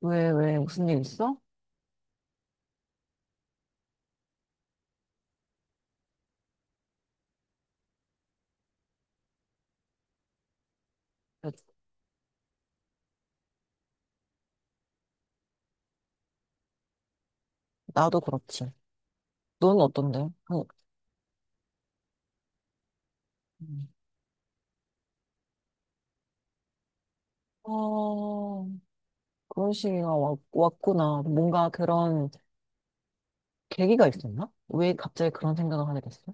왜, 왜, 무슨 일 있어? 나- 나도 그렇지. 넌 어떤데? 그, 음. 어, 그런 시기가 왔구나. 뭔가 그런 계기가 있었나? 왜 갑자기 그런 생각을 하게 됐어?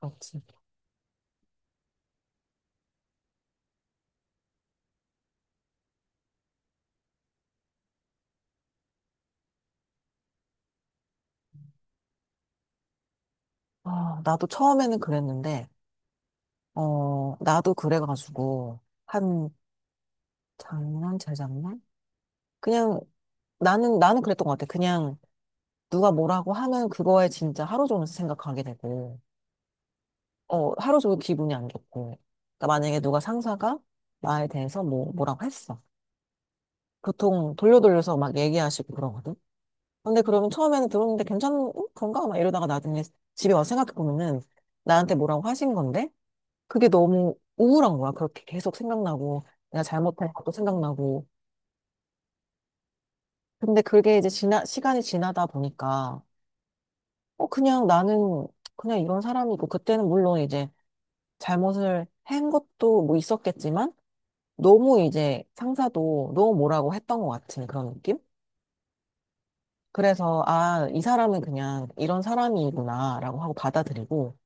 그렇지. 아, 나도 처음에는 그랬는데, 나도 그래가지고, 한, 작년, 재작년? 그냥, 나는 그랬던 것 같아. 그냥, 누가 뭐라고 하면 그거에 진짜 하루 종일 생각하게 되고, 하루 종일 기분이 안 좋고. 그러니까 만약에 누가 상사가 나에 대해서 뭐라고 했어. 보통 돌려 돌려서 막 얘기하시고 그러거든. 근데 그러면 처음에는 들었는데 괜찮은 건가? 막 이러다가 나중에 집에 와서 생각해보면은 나한테 뭐라고 하신 건데 그게 너무 우울한 거야. 그렇게 계속 생각나고 내가 잘못한 것도 생각나고. 근데 그게 이제 시간이 지나다 보니까 그냥 나는 그냥 이런 사람이고 그때는 물론 이제 잘못을 한 것도 뭐 있었겠지만 너무 이제 상사도 너무 뭐라고 했던 것 같은 그런 느낌? 그래서 아, 이 사람은 그냥 이런 사람이구나라고 하고 받아들이고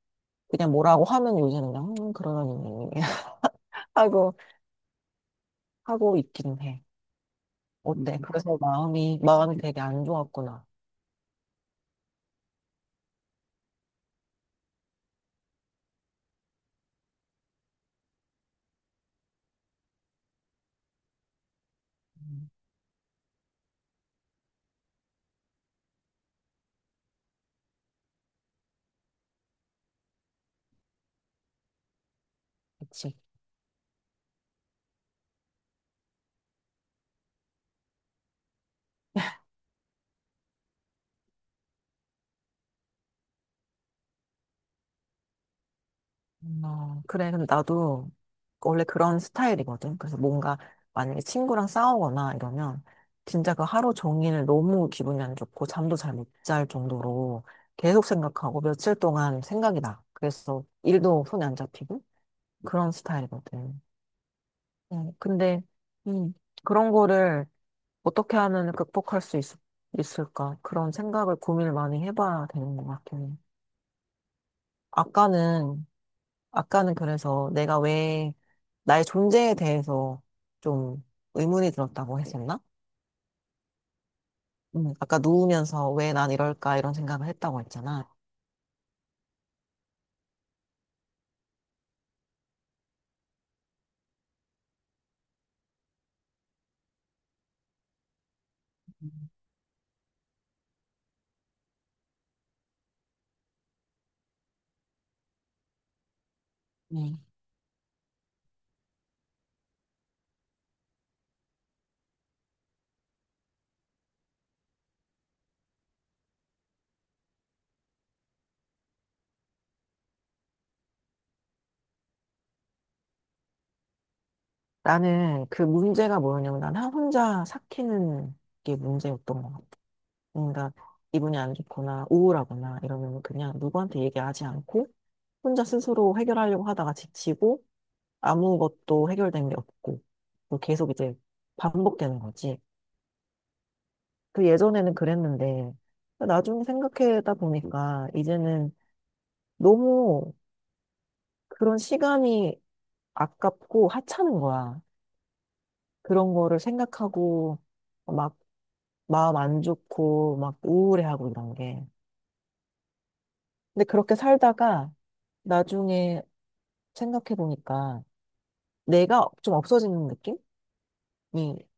그냥 뭐라고 하면 요새는 그냥 그러려니 하고 하고 있긴 해. 어때? 음. 그래서 마음이 되게 안 좋았구나. 음, 그치. 어, 그래. 근데 나도 원래 그런 스타일이거든. 그래서 뭔가 만약에 친구랑 싸우거나 이러면 진짜 그 하루 종일 너무 기분이 안 좋고 잠도 잘 못 잘 정도로 계속 생각하고 며칠 동안 생각이 나. 그래서 일도 손에 안 잡히고 그런 스타일이거든. 근데, 음, 그런 거를 어떻게 하면 있을까? 그런 생각을 고민을 많이 해봐야 되는 것 같긴 해. 아까는 아까는 그래서 내가 왜 나의 존재에 대해서 좀 의문이 들었다고 했었나? 아까 누우면서 왜 난 이럴까 이런 생각을 했다고 했잖아. 네. 나는 그 문제가 뭐였냐면 난 혼자 삭히는 게 문제였던 것 같아. 그러니까 기분이 안 좋거나 우울하거나 이러면 그냥 누구한테 얘기하지 않고 혼자 스스로 해결하려고 하다가 지치고 아무것도 해결된 게 없고 또 계속 이제 반복되는 거지. 그 예전에는 그랬는데, 나중에 생각하다 보니까 이제는 너무 그런 시간이 아깝고 하찮은 거야. 그런 거를 생각하고 막 마음 안 좋고 막 우울해하고 이런 게. 근데 그렇게 살다가 나중에 생각해 보니까 내가 좀 없어지는 느낌이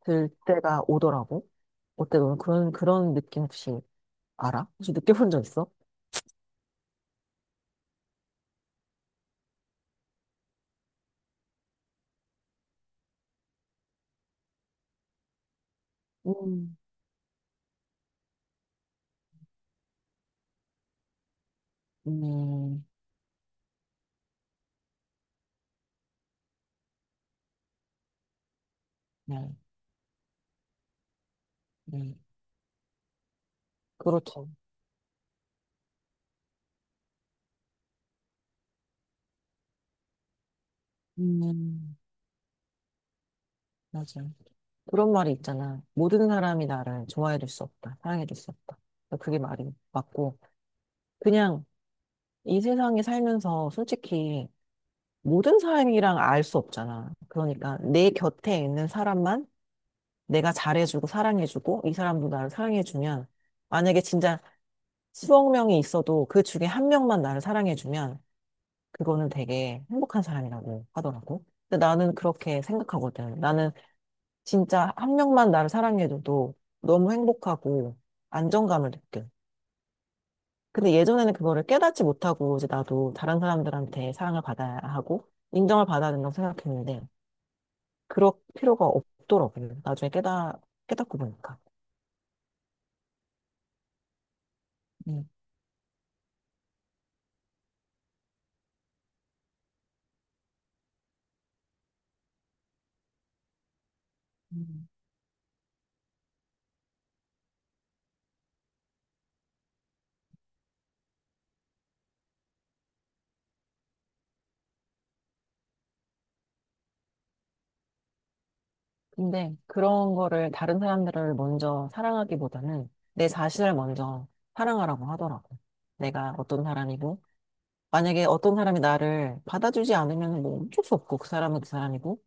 들 때가 오더라고. 어때? 너는 그런 느낌 혹시 알아? 혹시 느껴본 적 있어? 음, 음, 네, 네. 그렇죠. 음, 맞아. 그런 말이 있잖아. 모든 사람이 나를 좋아해 줄 수 없다. 사랑해 줄 수 없다. 그게 말이 맞고, 그냥 이 세상에 살면서 솔직히 모든 사람이랑 알 수 없잖아. 그러니까 내 곁에 있는 사람만 내가 잘해주고 사랑해주고 이 사람도 나를 사랑해주면, 만약에 진짜 수억 명이 있어도 그 중에 한 명만 나를 사랑해주면, 그거는 되게 행복한 사람이라고 하더라고. 근데 나는 그렇게 생각하거든. 나는 진짜 한 명만 나를 사랑해줘도 너무 행복하고 안정감을 느껴. 근데 예전에는 그거를 깨닫지 못하고 이제 나도 다른 사람들한테 사랑을 받아야 하고 인정을 받아야 된다고 생각했는데 그럴 필요가 없더라고요. 나중에 깨닫고 보니까. 음. 음. 근데 그런 거를 다른 사람들을 먼저 사랑하기보다는 내 자신을 먼저 사랑하라고 하더라고요. 내가 어떤 사람이고 만약에 어떤 사람이 나를 받아주지 않으면 뭐 어쩔 수 없고 그 사람은 그 사람이고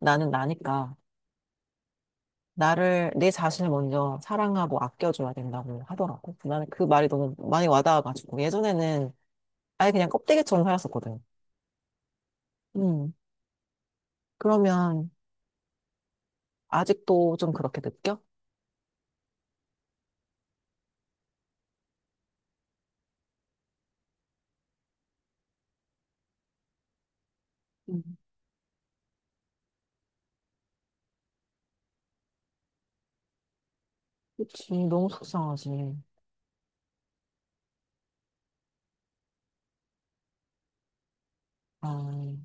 나는 나니까 나를 내 자신을 먼저 사랑하고 아껴줘야 된다고 하더라고. 나는 그 말이 너무 많이 와닿아가지고 예전에는 아예 그냥 껍데기처럼 살았었거든. 음. 그러면 아직도 좀 그렇게 느껴? 음. 그치, 너무 속상하지. 아,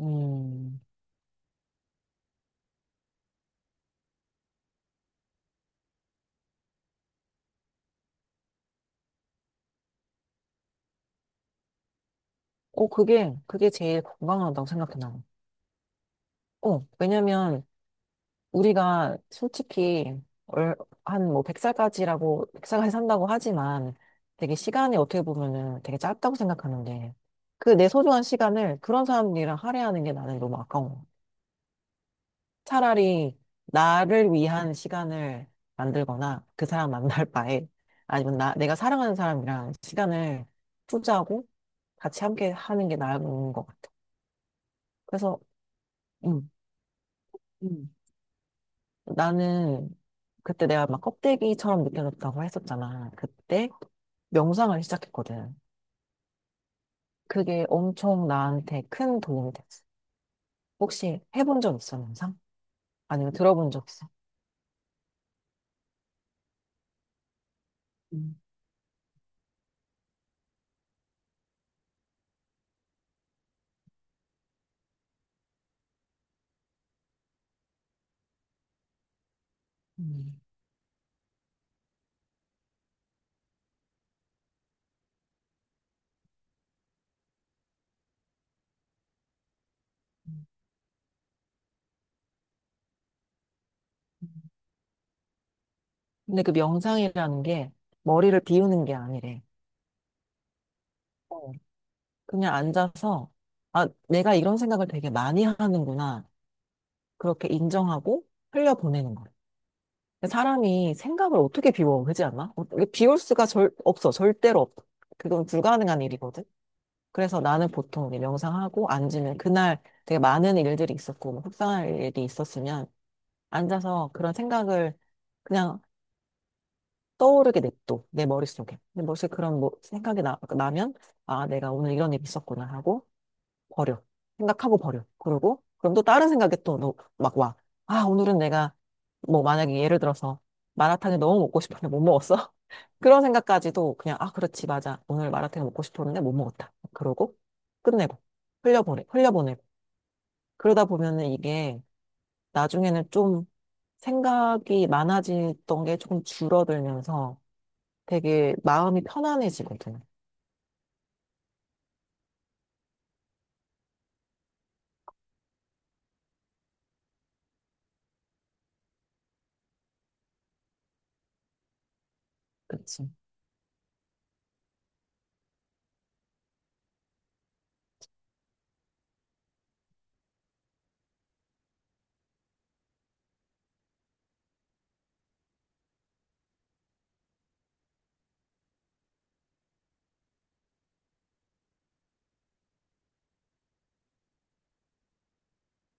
음. 그게 제일 건강하다고 생각해, 나는. 왜냐면, 우리가 솔직히 얼, 한뭐 100살까지라고 백 살까지 산다고 하지만 되게 시간이 어떻게 보면은 되게 짧다고 생각하는데 그 내 소중한 시간을 그런 사람들이랑 할애하는 게 나는 너무 아까운 거 차라리 나를 위한 시간을 만들거나 그 사람 만날 바에 아니면 나 내가 사랑하는 사람이랑 시간을 투자하고 같이 함께 하는 게 나은 것 같아. 그래서 음. 음. 나는 그때 내가 막 껍데기처럼 느껴졌다고 했었잖아. 그때 명상을 시작했거든. 그게 엄청 나한테 큰 도움이 됐어. 혹시 해본 적 있어, 명상? 아니면 들어본 적 있어? 음, 음. 근데 그 명상이라는 게 머리를 비우는 게 아니래. 어, 그냥 앉아서, 아, 내가 이런 생각을 되게 많이 하는구나. 그렇게 인정하고 흘려보내는 거야. 사람이 생각을 어떻게 비워, 그지 않나? 이게 비울 수가 없어. 절대로 없어. 그건 불가능한 일이거든. 그래서 나는 보통 이제 명상하고 앉으면 그날 되게 많은 일들이 있었고, 뭐 속상할 일이 있었으면 앉아서 그런 생각을 그냥 떠오르게 냅둬. 내 머릿속에. 내 머릿속에 그런 뭐 생각이 나면, 아, 내가 오늘 이런 일이 있었구나 하고, 버려. 생각하고 버려. 그러고, 그럼 또 다른 생각이 또 막 와. 아, 오늘은 내가, 뭐, 만약에 예를 들어서, 마라탕이 너무 먹고 싶었는데 못 먹었어? 그런 생각까지도 그냥, 아, 그렇지, 맞아. 오늘 마라탕 먹고 싶었는데 못 먹었다. 그러고, 끝내고, 흘려보내고. 그러다 보면은 이게, 나중에는 좀 생각이 많아지던 게 조금 줄어들면서 되게 마음이 편안해지거든. 그치.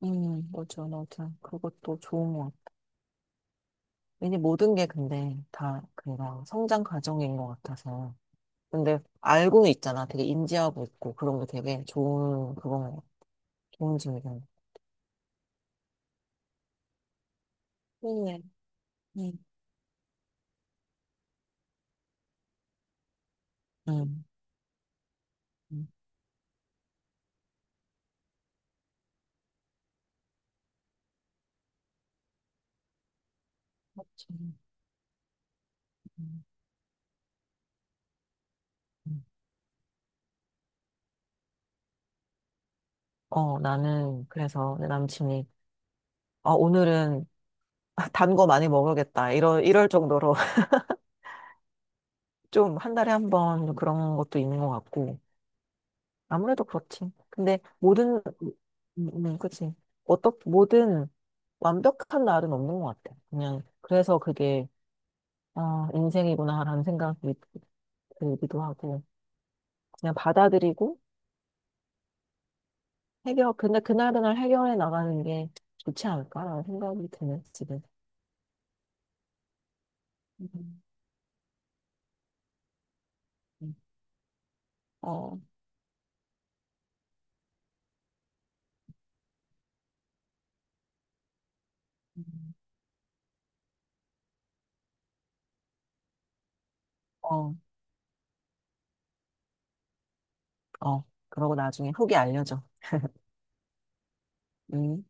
맞아, 맞아. 그것도 좋은 것 같아. 왠지 모든 게 근데 다 그냥 성장 과정인 것 같아서. 근데 알고는 있잖아. 되게 인지하고 있고 그런 게 되게 좋은 그런 거 좋은 질문. 네, 네, 응. 응. 맞죠. 응. 응. 나는 그래서 내 남친이 아, 오늘은 단 거 많이 먹어야겠다. 이런 이럴 정도로 좀 한 달에 한 번 그런 것도 있는 것 같고 아무래도 그렇지. 근데 모든 음, 그치. 어떻 모든 완벽한 날은 없는 것 같아. 그냥, 그래서 그게, 아, 인생이구나라는 생각이 들기도 하고, 그냥 받아들이고, 근데 그날그날 해결해 나가는 게 좋지 않을까라는 생각이 드네, 지금. 음, 음. 어, 음. 어, 어. 그러고 나중에 후기 알려줘. 음.